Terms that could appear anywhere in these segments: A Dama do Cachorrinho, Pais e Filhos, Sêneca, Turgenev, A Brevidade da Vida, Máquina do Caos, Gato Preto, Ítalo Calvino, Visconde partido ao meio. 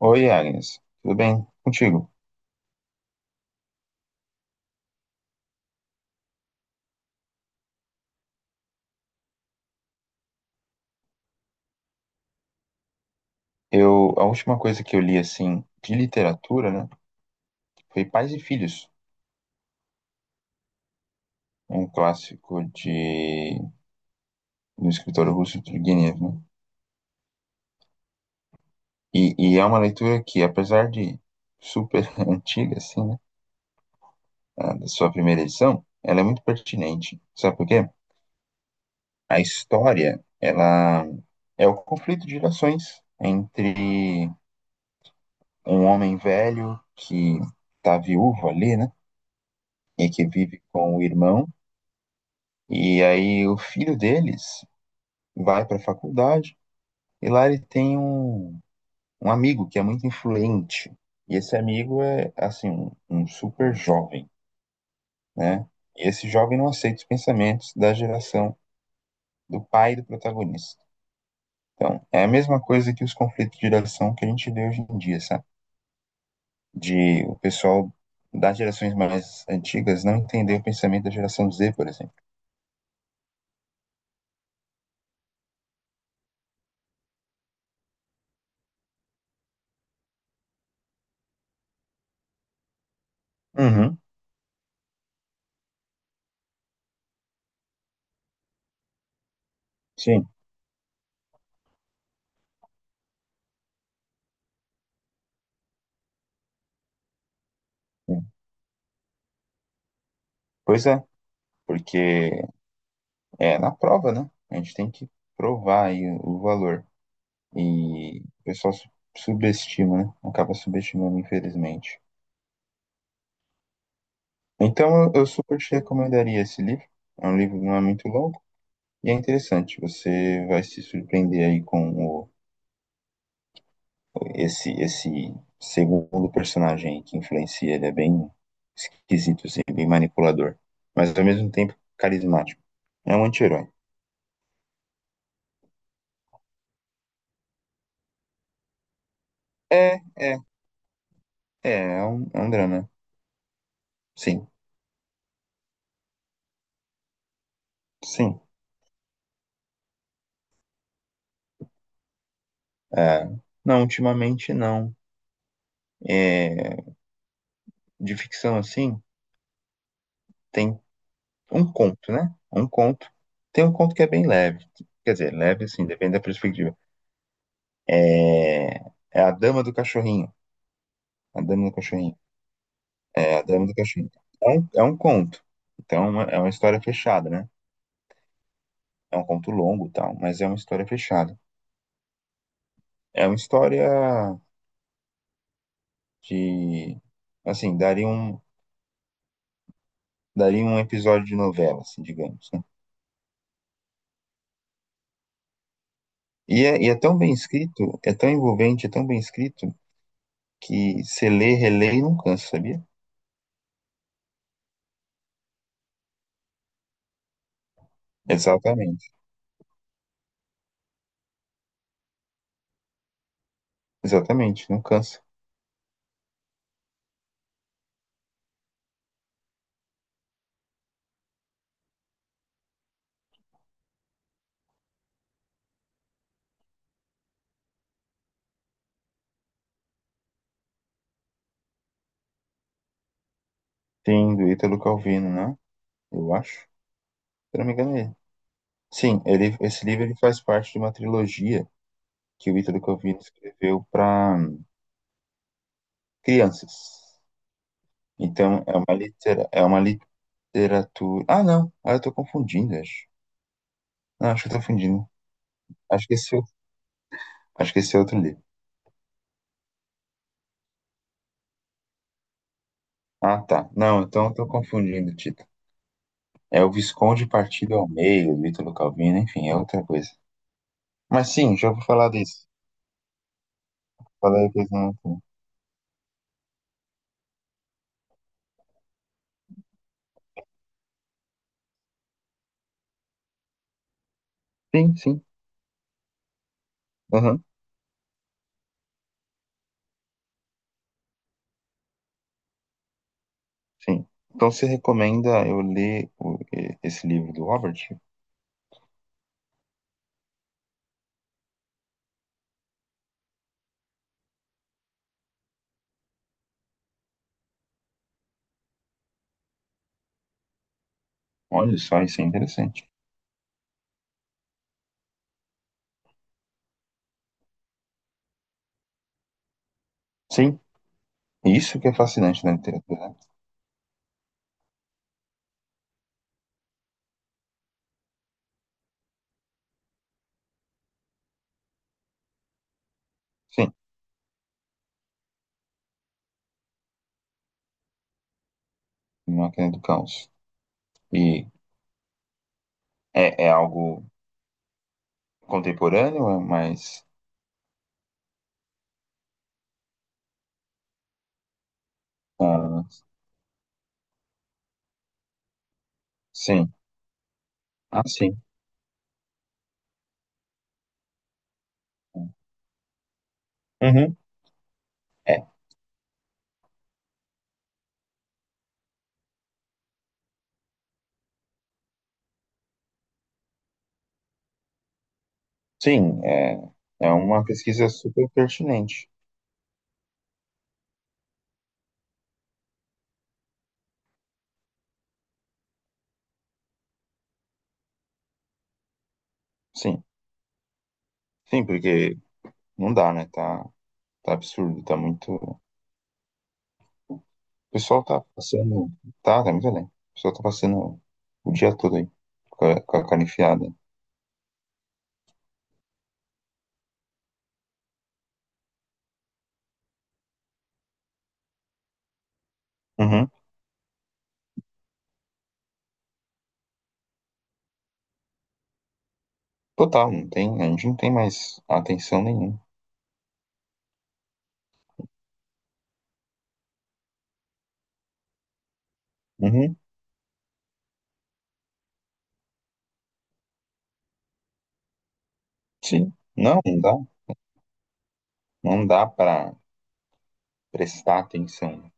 Oi, Agnes. Tudo bem contigo? A última coisa que eu li, assim, de literatura, né, foi Pais e Filhos, um clássico de, do escritor russo Turgenev, né? E é uma leitura que, apesar de super antiga, assim, né, a da sua primeira edição, ela é muito pertinente. Sabe por quê? A história, ela é o conflito de gerações entre um homem velho que tá viúvo ali, né, e que vive com o irmão. E aí o filho deles vai para a faculdade e lá ele tem um amigo que é muito influente. E esse amigo é, assim, um super jovem, né? E esse jovem não aceita os pensamentos da geração do pai do protagonista. Então, é a mesma coisa que os conflitos de geração que a gente vê hoje em dia, sabe? De o pessoal das gerações mais antigas não entender o pensamento da geração Z, por exemplo. Uhum, sim, sim. Pois é, porque é, na prova, né? A gente tem que provar aí o valor. E o pessoal subestima, né? Acaba subestimando, infelizmente. Então, eu super te recomendaria esse livro. É um livro que não é muito longo e é interessante. Você vai se surpreender aí com esse segundo personagem aí que influencia. Ele é bem esquisito, assim, bem manipulador, mas ao mesmo tempo carismático. É um anti-herói. É, é, é, É um drama. Sim, sim. É, não, ultimamente não. É, de ficção assim, tem um conto, né? Um conto. Tem um conto que é bem leve. Quer dizer, leve assim, depende da perspectiva. É, É A Dama do Cachorrinho. A Dama do Cachorrinho. É, A Dama do Cachorrinho. É um conto. Então, é uma história fechada, né? É um conto longo, e tal, mas é uma história fechada. É uma história que, assim, daria um episódio de novela, assim, digamos, né? E é tão bem escrito, é tão envolvente, é tão bem escrito, que você lê, relê e não cansa, sabia? Exatamente, exatamente, não cansa. Sim, do Ítalo Calvino, né? Eu acho, se eu não me engano é ele. Sim, esse livro ele faz parte de uma trilogia que o Ítalo Calvino escreveu para crianças. Então, é uma literatura... Ah, não, ah, eu tô confundindo, acho. Não, acho que eu tô confundindo. Acho que esse, é o- Acho que esse é outro livro. Ah, tá. Não, então eu tô confundindo, Tito. É o Visconde partido ao meio, Ítalo Calvino, enfim, é outra coisa. Mas sim, já vou falar disso. Falar depois não. Sim, sim. Aham, sim. Então você recomenda eu ler esse livro do Robert? Olha só, isso é interessante. Sim, isso que é fascinante na literatura, né? Sim, Máquina do Caos. E é algo contemporâneo, é mais. Ah, sim. Ah, sim. Uhum. É, sim, é uma pesquisa super pertinente. Sim, sim, porque não dá, né? Tá, tá absurdo, tá muito. O pessoal tá passando. Tá muito além. O pessoal tá passando o dia todo aí, com a cara enfiada. Uhum. Total, não tem, a gente não tem mais atenção nenhuma. Uhum. Sim. Não, não dá. Não dá pra prestar atenção.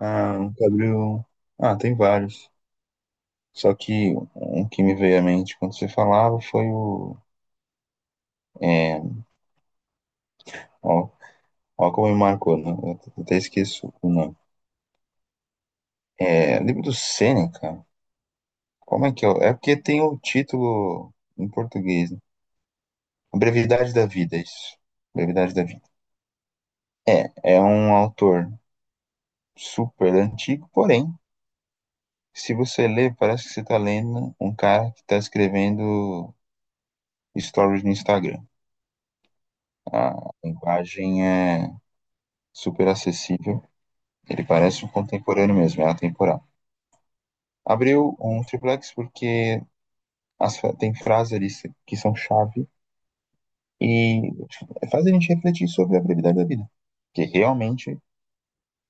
Ah, um Gabriel. Ah, tem vários. Só que um que me veio à mente quando você falava foi o. É, ó, Ó como me marcou, né? Eu até esqueço o nome. É, livro do Sêneca. Como é que eu... É porque tem o título em português, né? A Brevidade da Vida, é isso. Brevidade da Vida. É, é um autor super antigo, porém, se você lê, parece que você está lendo um cara que está escrevendo stories no Instagram. A linguagem é super acessível, ele parece um contemporâneo mesmo, é atemporal. Abriu um triplex porque as tem frases ali que são chave e faz a gente refletir sobre a brevidade da vida. Porque realmente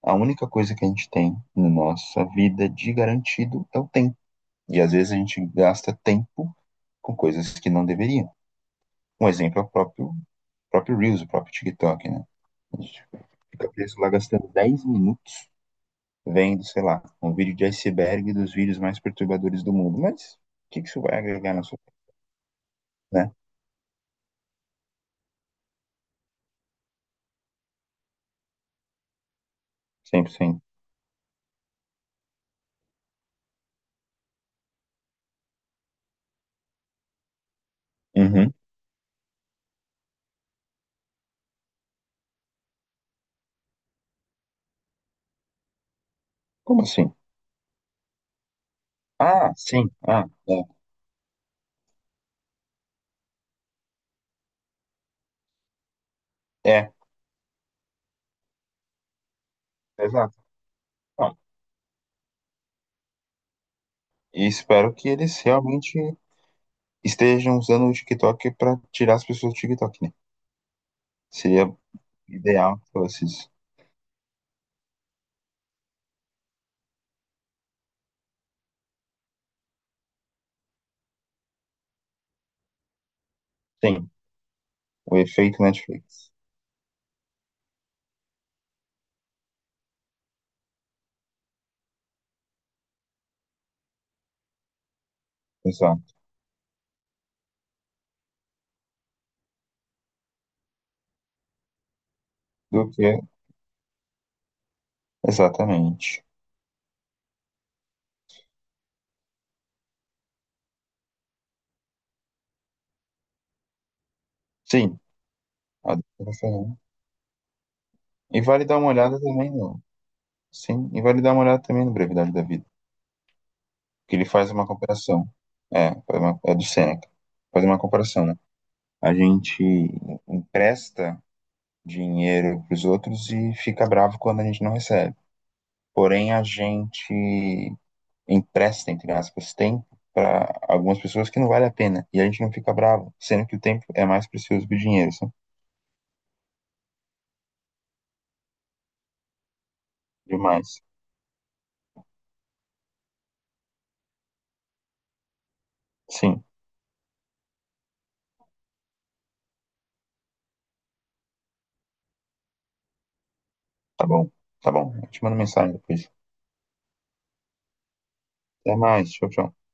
a única coisa que a gente tem na nossa vida de garantido é o tempo. E às vezes a gente gasta tempo com coisas que não deveriam. Um exemplo é o próprio Reels, o próprio TikTok, né? A gente fica preso lá gastando 10 minutos vendo, sei lá, um vídeo de iceberg dos vídeos mais perturbadores do mundo. Mas que isso vai agregar na sua vida, né? 100%. Uhum. Como assim? Ah, sim. Ah, é. É, exato. Ah, e espero que eles realmente estejam usando o TikTok para tirar as pessoas do TikTok, né? Seria ideal que fosse isso. Sim, o efeito Netflix. Exato. Do que? Exatamente. Sim, a do que eu tô falando. E vale dar uma olhada também no. Sim, e vale dar uma olhada também no Brevidade da Vida. Que ele faz uma comparação. É do Seneca. Faz uma comparação, né? A gente empresta dinheiro para os outros e fica bravo quando a gente não recebe. Porém, a gente empresta, entre aspas, tempo para algumas pessoas que não vale a pena. E a gente não fica bravo, sendo que o tempo é mais precioso que o dinheiro, sabe? Demais. Sim, tá bom. Tá bom. Eu te mando mensagem depois. Até mais. Tchau, tchau.